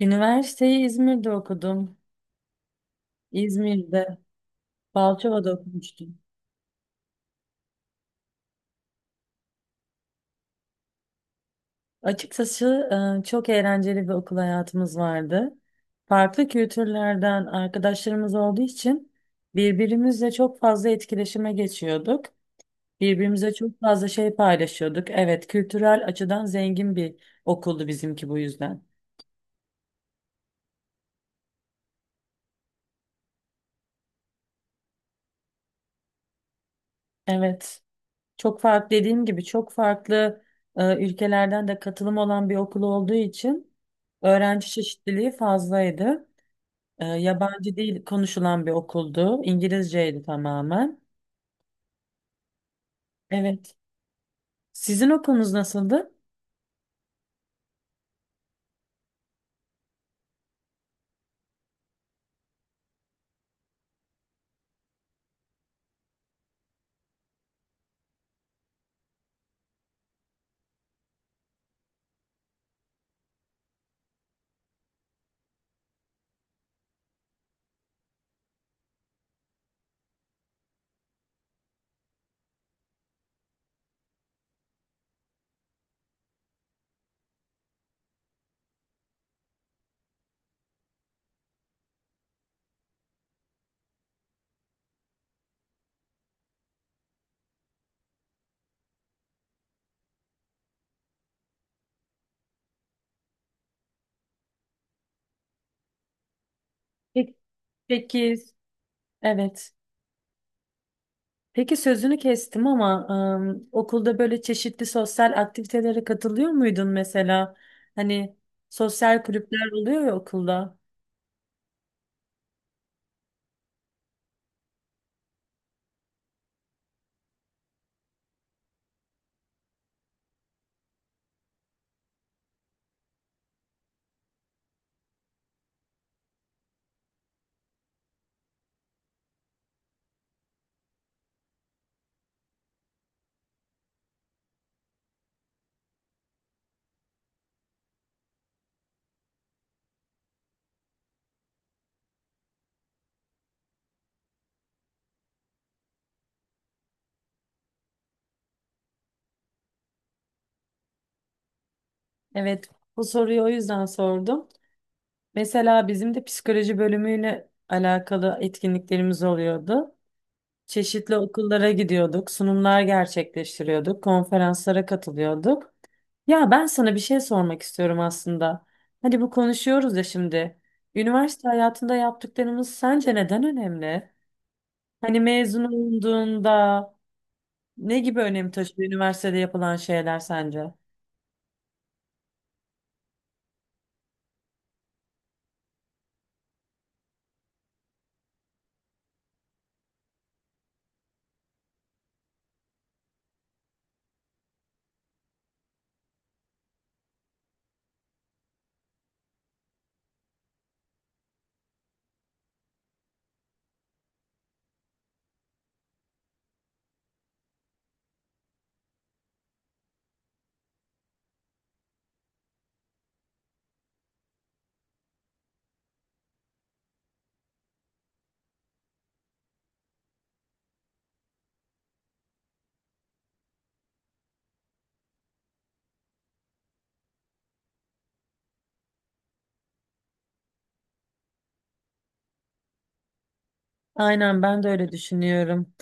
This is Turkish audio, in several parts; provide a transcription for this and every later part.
Üniversiteyi İzmir'de okudum. İzmir'de, Balçova'da okumuştum. Açıkçası çok eğlenceli bir okul hayatımız vardı. Farklı kültürlerden arkadaşlarımız olduğu için birbirimizle çok fazla etkileşime geçiyorduk. Birbirimize çok fazla şey paylaşıyorduk. Evet, kültürel açıdan zengin bir okuldu bizimki bu yüzden. Evet. Çok farklı dediğim gibi çok farklı ülkelerden de katılım olan bir okul olduğu için öğrenci çeşitliliği fazlaydı. Yabancı dil konuşulan bir okuldu. İngilizceydi tamamen. Evet. Sizin okulunuz nasıldı? Peki. Peki, evet. Peki sözünü kestim ama okulda böyle çeşitli sosyal aktivitelere katılıyor muydun mesela? Hani sosyal kulüpler oluyor ya okulda. Evet, bu soruyu o yüzden sordum. Mesela bizim de psikoloji bölümüyle alakalı etkinliklerimiz oluyordu. Çeşitli okullara gidiyorduk, sunumlar gerçekleştiriyorduk, konferanslara katılıyorduk. Ya ben sana bir şey sormak istiyorum aslında. Hani bu konuşuyoruz ya şimdi. Üniversite hayatında yaptıklarımız sence neden önemli? Hani mezun olunduğunda ne gibi önem taşıyor üniversitede yapılan şeyler sence? Aynen ben de öyle düşünüyorum.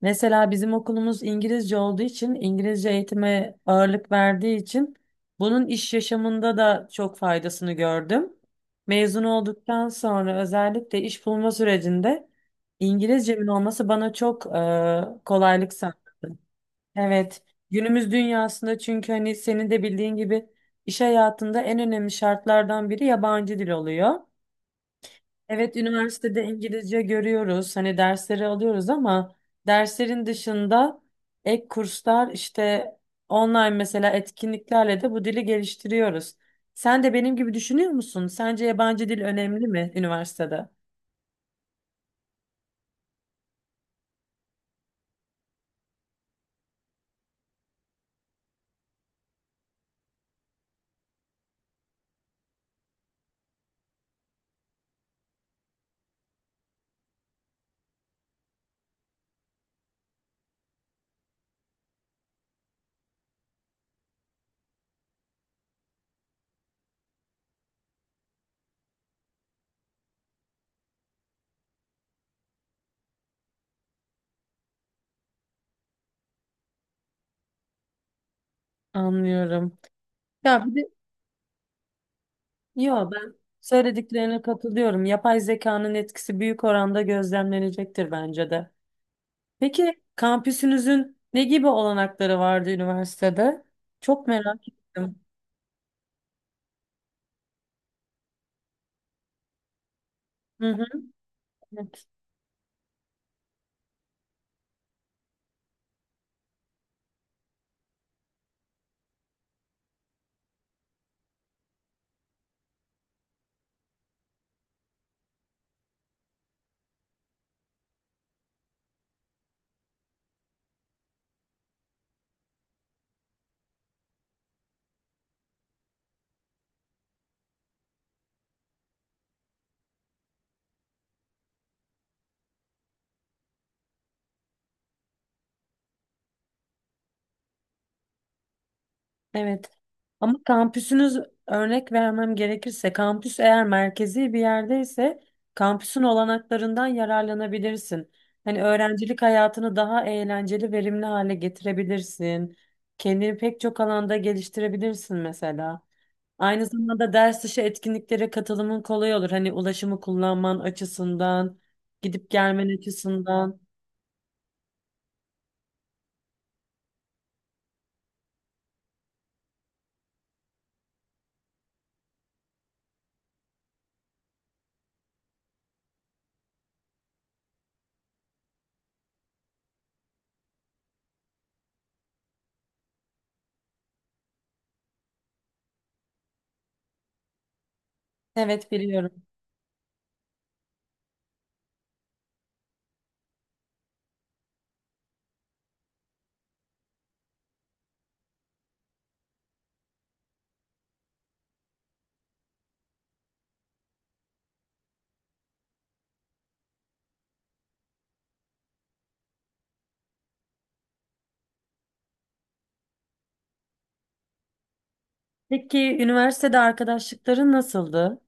Mesela bizim okulumuz İngilizce olduğu için, İngilizce eğitime ağırlık verdiği için bunun iş yaşamında da çok faydasını gördüm. Mezun olduktan sonra özellikle iş bulma sürecinde İngilizcemin olması bana çok kolaylık sağladı. Evet, günümüz dünyasında çünkü hani senin de bildiğin gibi iş hayatında en önemli şartlardan biri yabancı dil oluyor. Evet, üniversitede İngilizce görüyoruz. Hani dersleri alıyoruz ama derslerin dışında ek kurslar işte online mesela etkinliklerle de bu dili geliştiriyoruz. Sen de benim gibi düşünüyor musun? Sence yabancı dil önemli mi üniversitede? Anlıyorum. Ya bir de ben söylediklerine katılıyorum. Yapay zekanın etkisi büyük oranda gözlemlenecektir bence de. Peki kampüsünüzün ne gibi olanakları vardı üniversitede? Çok merak ettim. Hı. Evet. Evet. Ama kampüsünüz örnek vermem gerekirse kampüs eğer merkezi bir yerdeyse kampüsün olanaklarından yararlanabilirsin. Hani öğrencilik hayatını daha eğlenceli, verimli hale getirebilirsin. Kendini pek çok alanda geliştirebilirsin mesela. Aynı zamanda ders dışı etkinliklere katılımın kolay olur. Hani ulaşımı kullanman açısından, gidip gelmen açısından. Evet, biliyorum. Peki üniversitede arkadaşlıkların nasıldı?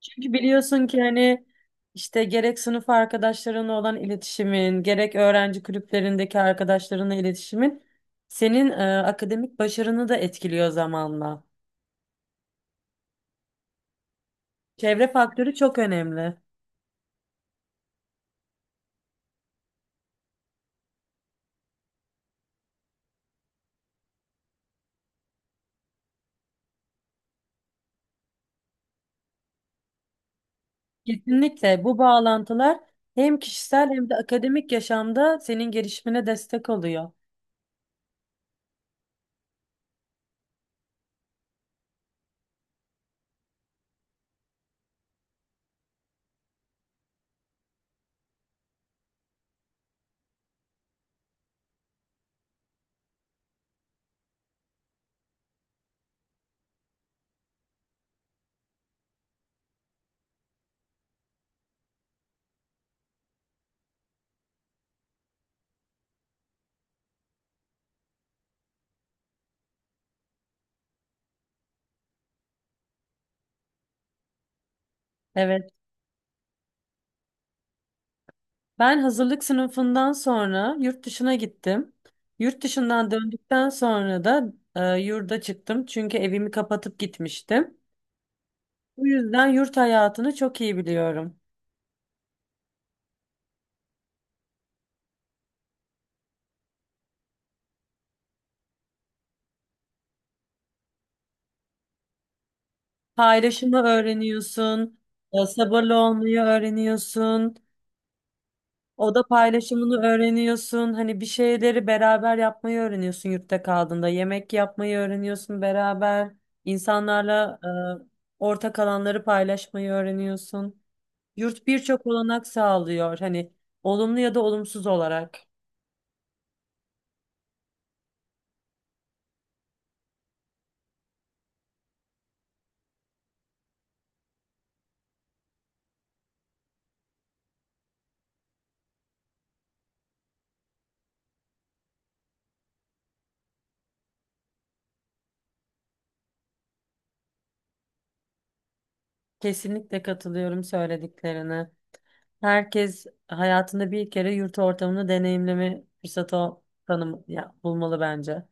Çünkü biliyorsun ki hani işte gerek sınıf arkadaşlarınla olan iletişimin, gerek öğrenci kulüplerindeki arkadaşlarınla iletişimin senin akademik başarını da etkiliyor zamanla. Çevre faktörü çok önemli. Kesinlikle bu bağlantılar hem kişisel hem de akademik yaşamda senin gelişimine destek oluyor. Evet. Ben hazırlık sınıfından sonra yurt dışına gittim. Yurt dışından döndükten sonra da yurda çıktım. Çünkü evimi kapatıp gitmiştim. Bu yüzden yurt hayatını çok iyi biliyorum. Paylaşımı öğreniyorsun, sabırlı olmayı öğreniyorsun, oda paylaşımını öğreniyorsun. Hani bir şeyleri beraber yapmayı öğreniyorsun yurtta kaldığında. Yemek yapmayı öğreniyorsun beraber, insanlarla ortak alanları paylaşmayı öğreniyorsun. Yurt birçok olanak sağlıyor. Hani olumlu ya da olumsuz olarak. Kesinlikle katılıyorum söylediklerine. Herkes hayatında bir kere yurt ortamını deneyimleme fırsatı tanım ya, bulmalı bence.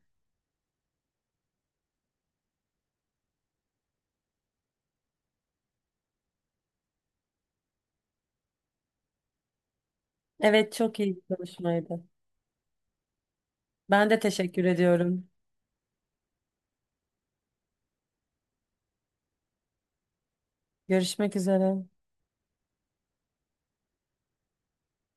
Evet, çok iyi bir konuşmaydı. Ben de teşekkür ediyorum. Görüşmek üzere.